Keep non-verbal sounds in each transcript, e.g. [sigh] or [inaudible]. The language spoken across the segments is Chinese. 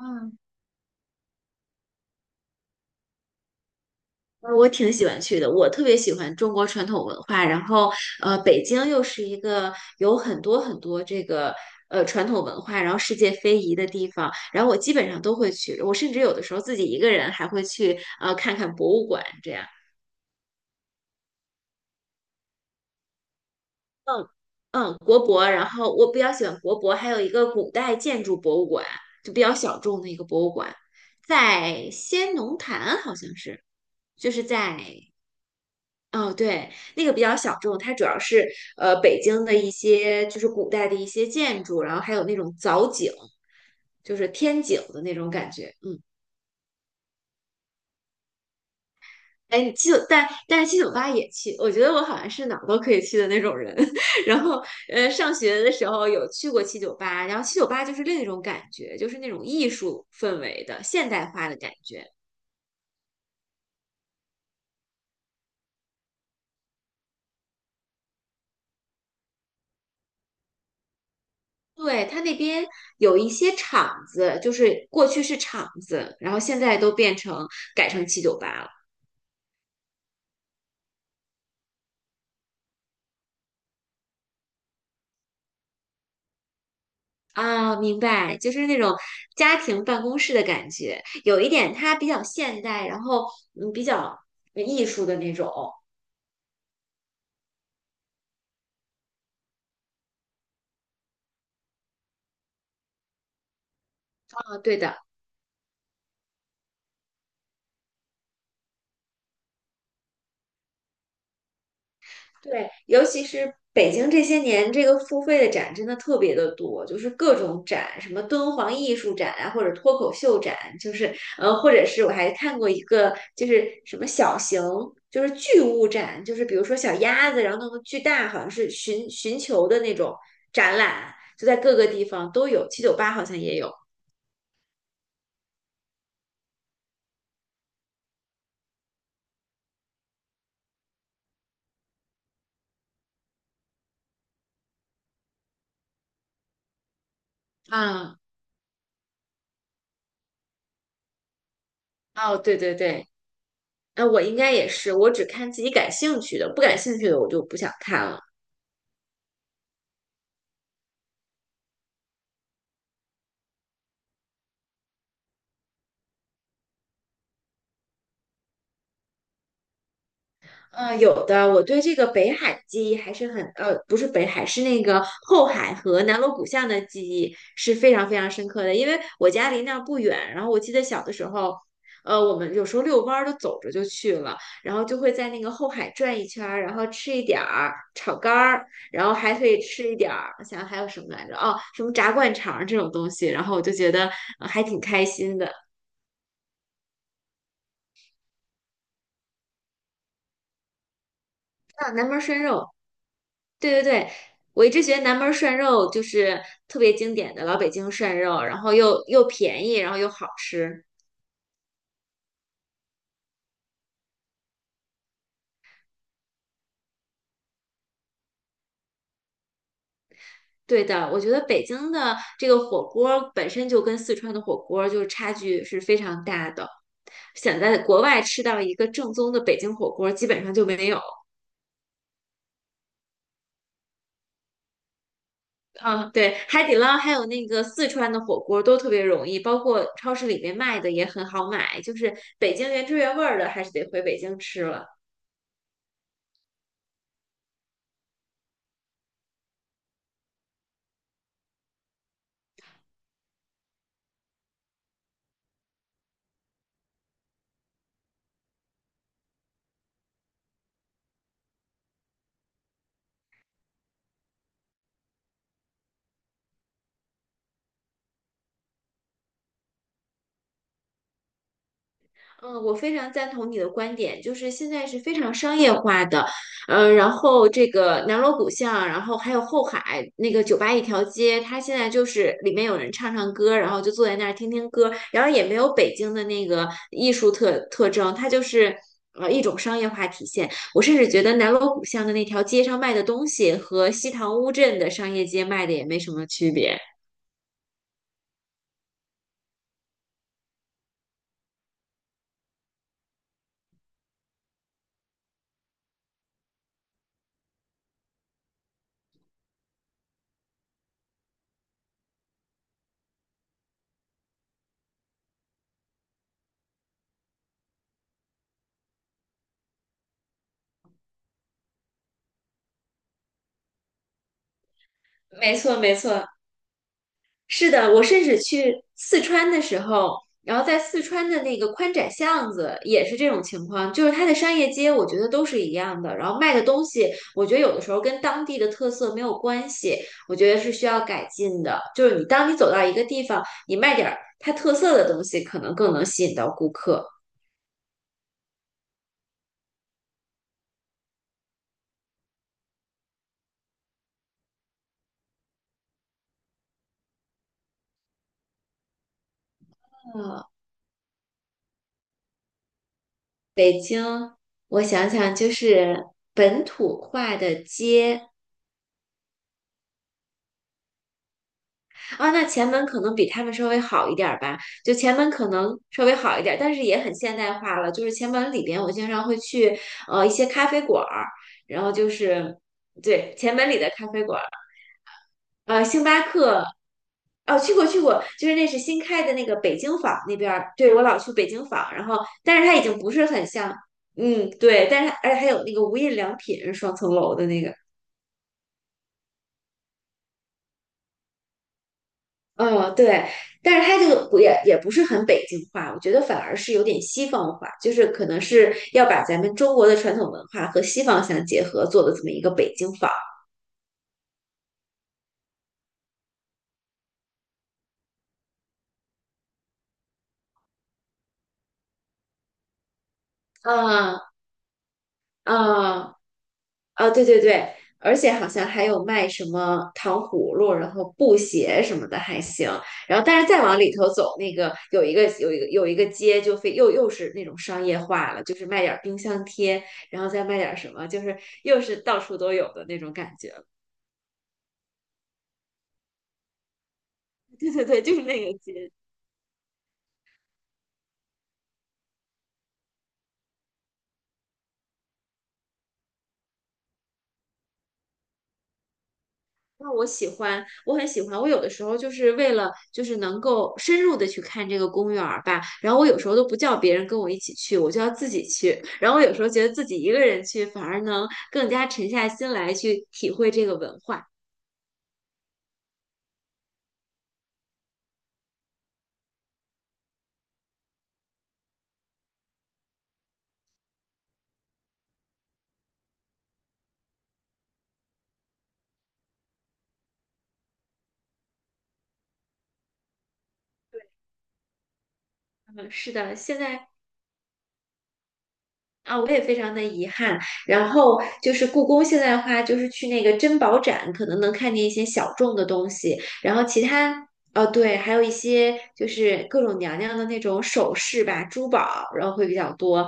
嗯，我挺喜欢去的，我特别喜欢中国传统文化。然后，北京又是一个有很多很多这个传统文化，然后世界非遗的地方。然后我基本上都会去，我甚至有的时候自己一个人还会去看看博物馆这样。嗯嗯，国博。然后我比较喜欢国博，还有一个古代建筑博物馆，就比较小众的一个博物馆，在先农坛好像是，就是在哦，对，那个比较小众，它主要是北京的一些就是古代的一些建筑，然后还有那种藻井，就是天井的那种感觉。嗯，哎，你七九，但是七九八也去，我觉得我好像是哪儿都可以去的那种人。[laughs] 然后上学的时候有去过七九八，然后七九八就是另一种感觉，就是那种艺术氛围的现代化的感觉。对，它那边有一些厂子，就是过去是厂子，然后现在都改成七九八了。啊，明白，就是那种家庭办公室的感觉，有一点它比较现代，然后嗯，比较艺术的那种。啊，对的。对，尤其是北京这些年，这个付费的展真的特别的多，就是各种展，什么敦煌艺术展啊，或者脱口秀展，就是或者是我还看过一个，就是什么小型，就是巨物展，就是比如说小鸭子，然后弄个巨大，好像是寻求的那种展览，就在各个地方都有，七九八好像也有啊，哦，对对对，那我应该也是，我只看自己感兴趣的，不感兴趣的我就不想看了。嗯，有的，我对这个北海记忆还是很，呃，不是北海，是那个后海和南锣鼓巷的记忆是非常非常深刻的，因为我家离那儿不远，然后我记得小的时候，我们有时候遛弯儿都走着就去了，然后就会在那个后海转一圈儿，然后吃一点儿炒肝儿，然后还可以吃一点儿，我想想还有什么来着？哦，什么炸灌肠儿这种东西，然后我就觉得，还挺开心的。啊，南门涮肉。对对对，我一直觉得南门涮肉就是特别经典的老北京涮肉，然后又便宜，然后又好吃。对的，我觉得北京的这个火锅本身就跟四川的火锅就是差距是非常大的，想在国外吃到一个正宗的北京火锅基本上就没有。嗯，对，海底捞还有那个四川的火锅都特别容易，包括超市里面卖的也很好买，就是北京原汁原味儿的还是得回北京吃了。嗯，我非常赞同你的观点，就是现在是非常商业化的，嗯，然后这个南锣鼓巷，然后还有后海那个酒吧一条街，它现在就是里面有人唱唱歌，然后就坐在那儿听听歌，然后也没有北京的那个艺术特征，它就是一种商业化体现。我甚至觉得南锣鼓巷的那条街上卖的东西和西塘乌镇的商业街卖的也没什么区别。没错，没错。是的，我甚至去四川的时候，然后在四川的那个宽窄巷子也是这种情况，就是它的商业街，我觉得都是一样的，然后卖的东西，我觉得有的时候跟当地的特色没有关系，我觉得是需要改进的。就是你当你走到一个地方，你卖点儿它特色的东西，可能更能吸引到顾客。嗯，北京，我想想，就是本土化的街。啊，那前门可能比他们稍微好一点儿吧，就前门可能稍微好一点儿，但是也很现代化了。就是前门里边，我经常会去一些咖啡馆儿，然后就是对前门里的咖啡馆儿，星巴克，哦，去过去过，就是那是新开的那个北京坊那边儿，对我老去北京坊，然后但是它已经不是很像，嗯，对，但是而且还有那个无印良品双层楼的那个。哦，对，但是它这个不也也不是很北京话，我觉得反而是有点西方化，就是可能是要把咱们中国的传统文化和西方相结合做的这么一个北京坊。啊啊啊！对对对，而且好像还有卖什么糖葫芦，然后布鞋什么的还行。然后，但是再往里头走，那个有一个街就非又是那种商业化了，就是卖点儿冰箱贴，然后再卖点儿什么，就是又是到处都有的那种感觉。对 [laughs] 对对，就是那个节。那我喜欢，我很喜欢。我有的时候就是为了，就是能够深入的去看这个公园儿吧。然后我有时候都不叫别人跟我一起去，我就要自己去。然后我有时候觉得自己一个人去，反而能更加沉下心来去体会这个文化。嗯，是的，现在啊，我也非常的遗憾。然后就是故宫现在的话，就是去那个珍宝展，可能能看见一些小众的东西。然后其他，哦，对，还有一些就是各种娘娘的那种首饰吧、珠宝，然后会比较多。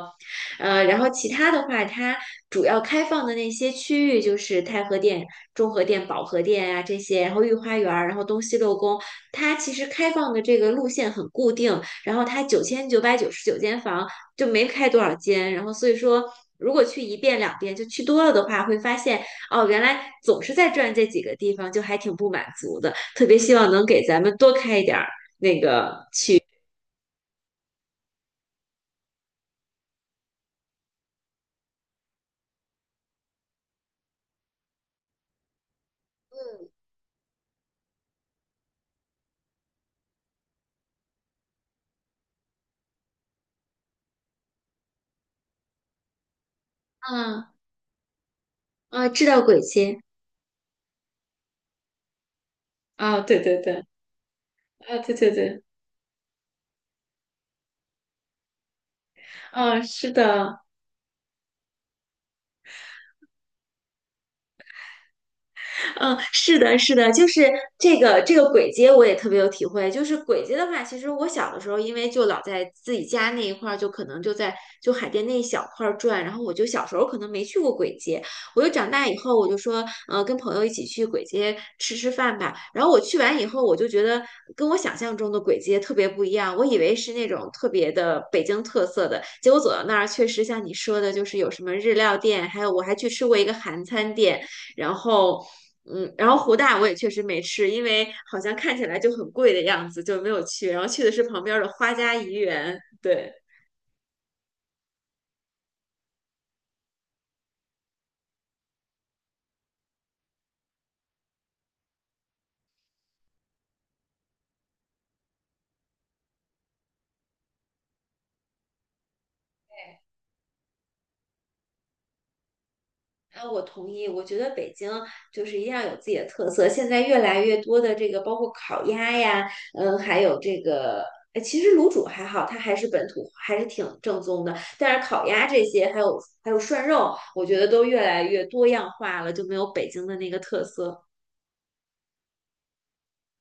然后其他的话，它主要开放的那些区域就是太和殿、中和殿、保和殿啊这些，然后御花园儿，然后东西六宫，它其实开放的这个路线很固定。然后它9999间房。就没开多少间，然后所以说，如果去一遍两遍，就去多了的话，会发现哦，原来总是在转这几个地方，就还挺不满足的。特别希望能给咱们多开一点儿。嗯啊，知道鬼街。啊，对对对，啊，对对对，啊，是的。嗯，是的，是的，就是这个这个鬼街我也特别有体会。就是鬼街的话，其实我小的时候，因为就老在自己家那一块儿，就可能就在就海淀那一小块儿转，然后我就小时候可能没去过鬼街。我就长大以后，我就说，跟朋友一起去鬼街吃吃饭吧。然后我去完以后，我就觉得跟我想象中的鬼街特别不一样。我以为是那种特别的北京特色的，结果走到那儿，确实像你说的，就是有什么日料店，还有我还去吃过一个韩餐店，然后。嗯，然后湖大我也确实没吃，因为好像看起来就很贵的样子，就没有去。然后去的是旁边儿的花家怡园，对。啊，我同意。我觉得北京就是一定要有自己的特色。现在越来越多的这个，包括烤鸭呀，嗯，还有这个，其实卤煮还好，它还是本土，还是挺正宗的。但是烤鸭这些，还有涮肉，我觉得都越来越多样化了，就没有北京的那个特色。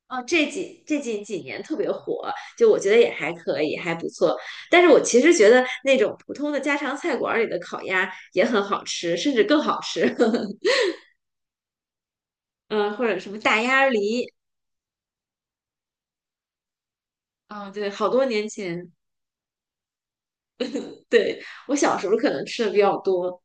哦，这几年特别火，就我觉得也还可以，还不错。但是我其实觉得那种普通的家常菜馆儿里的烤鸭也很好吃，甚至更好吃。[laughs] 嗯，或者什么大鸭梨，啊、对，好多年前，对，我小时候可能吃的比较多。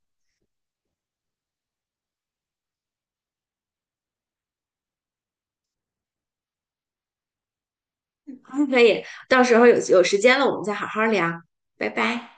嗯可以，到时候有时间了，我们再好好聊，拜拜。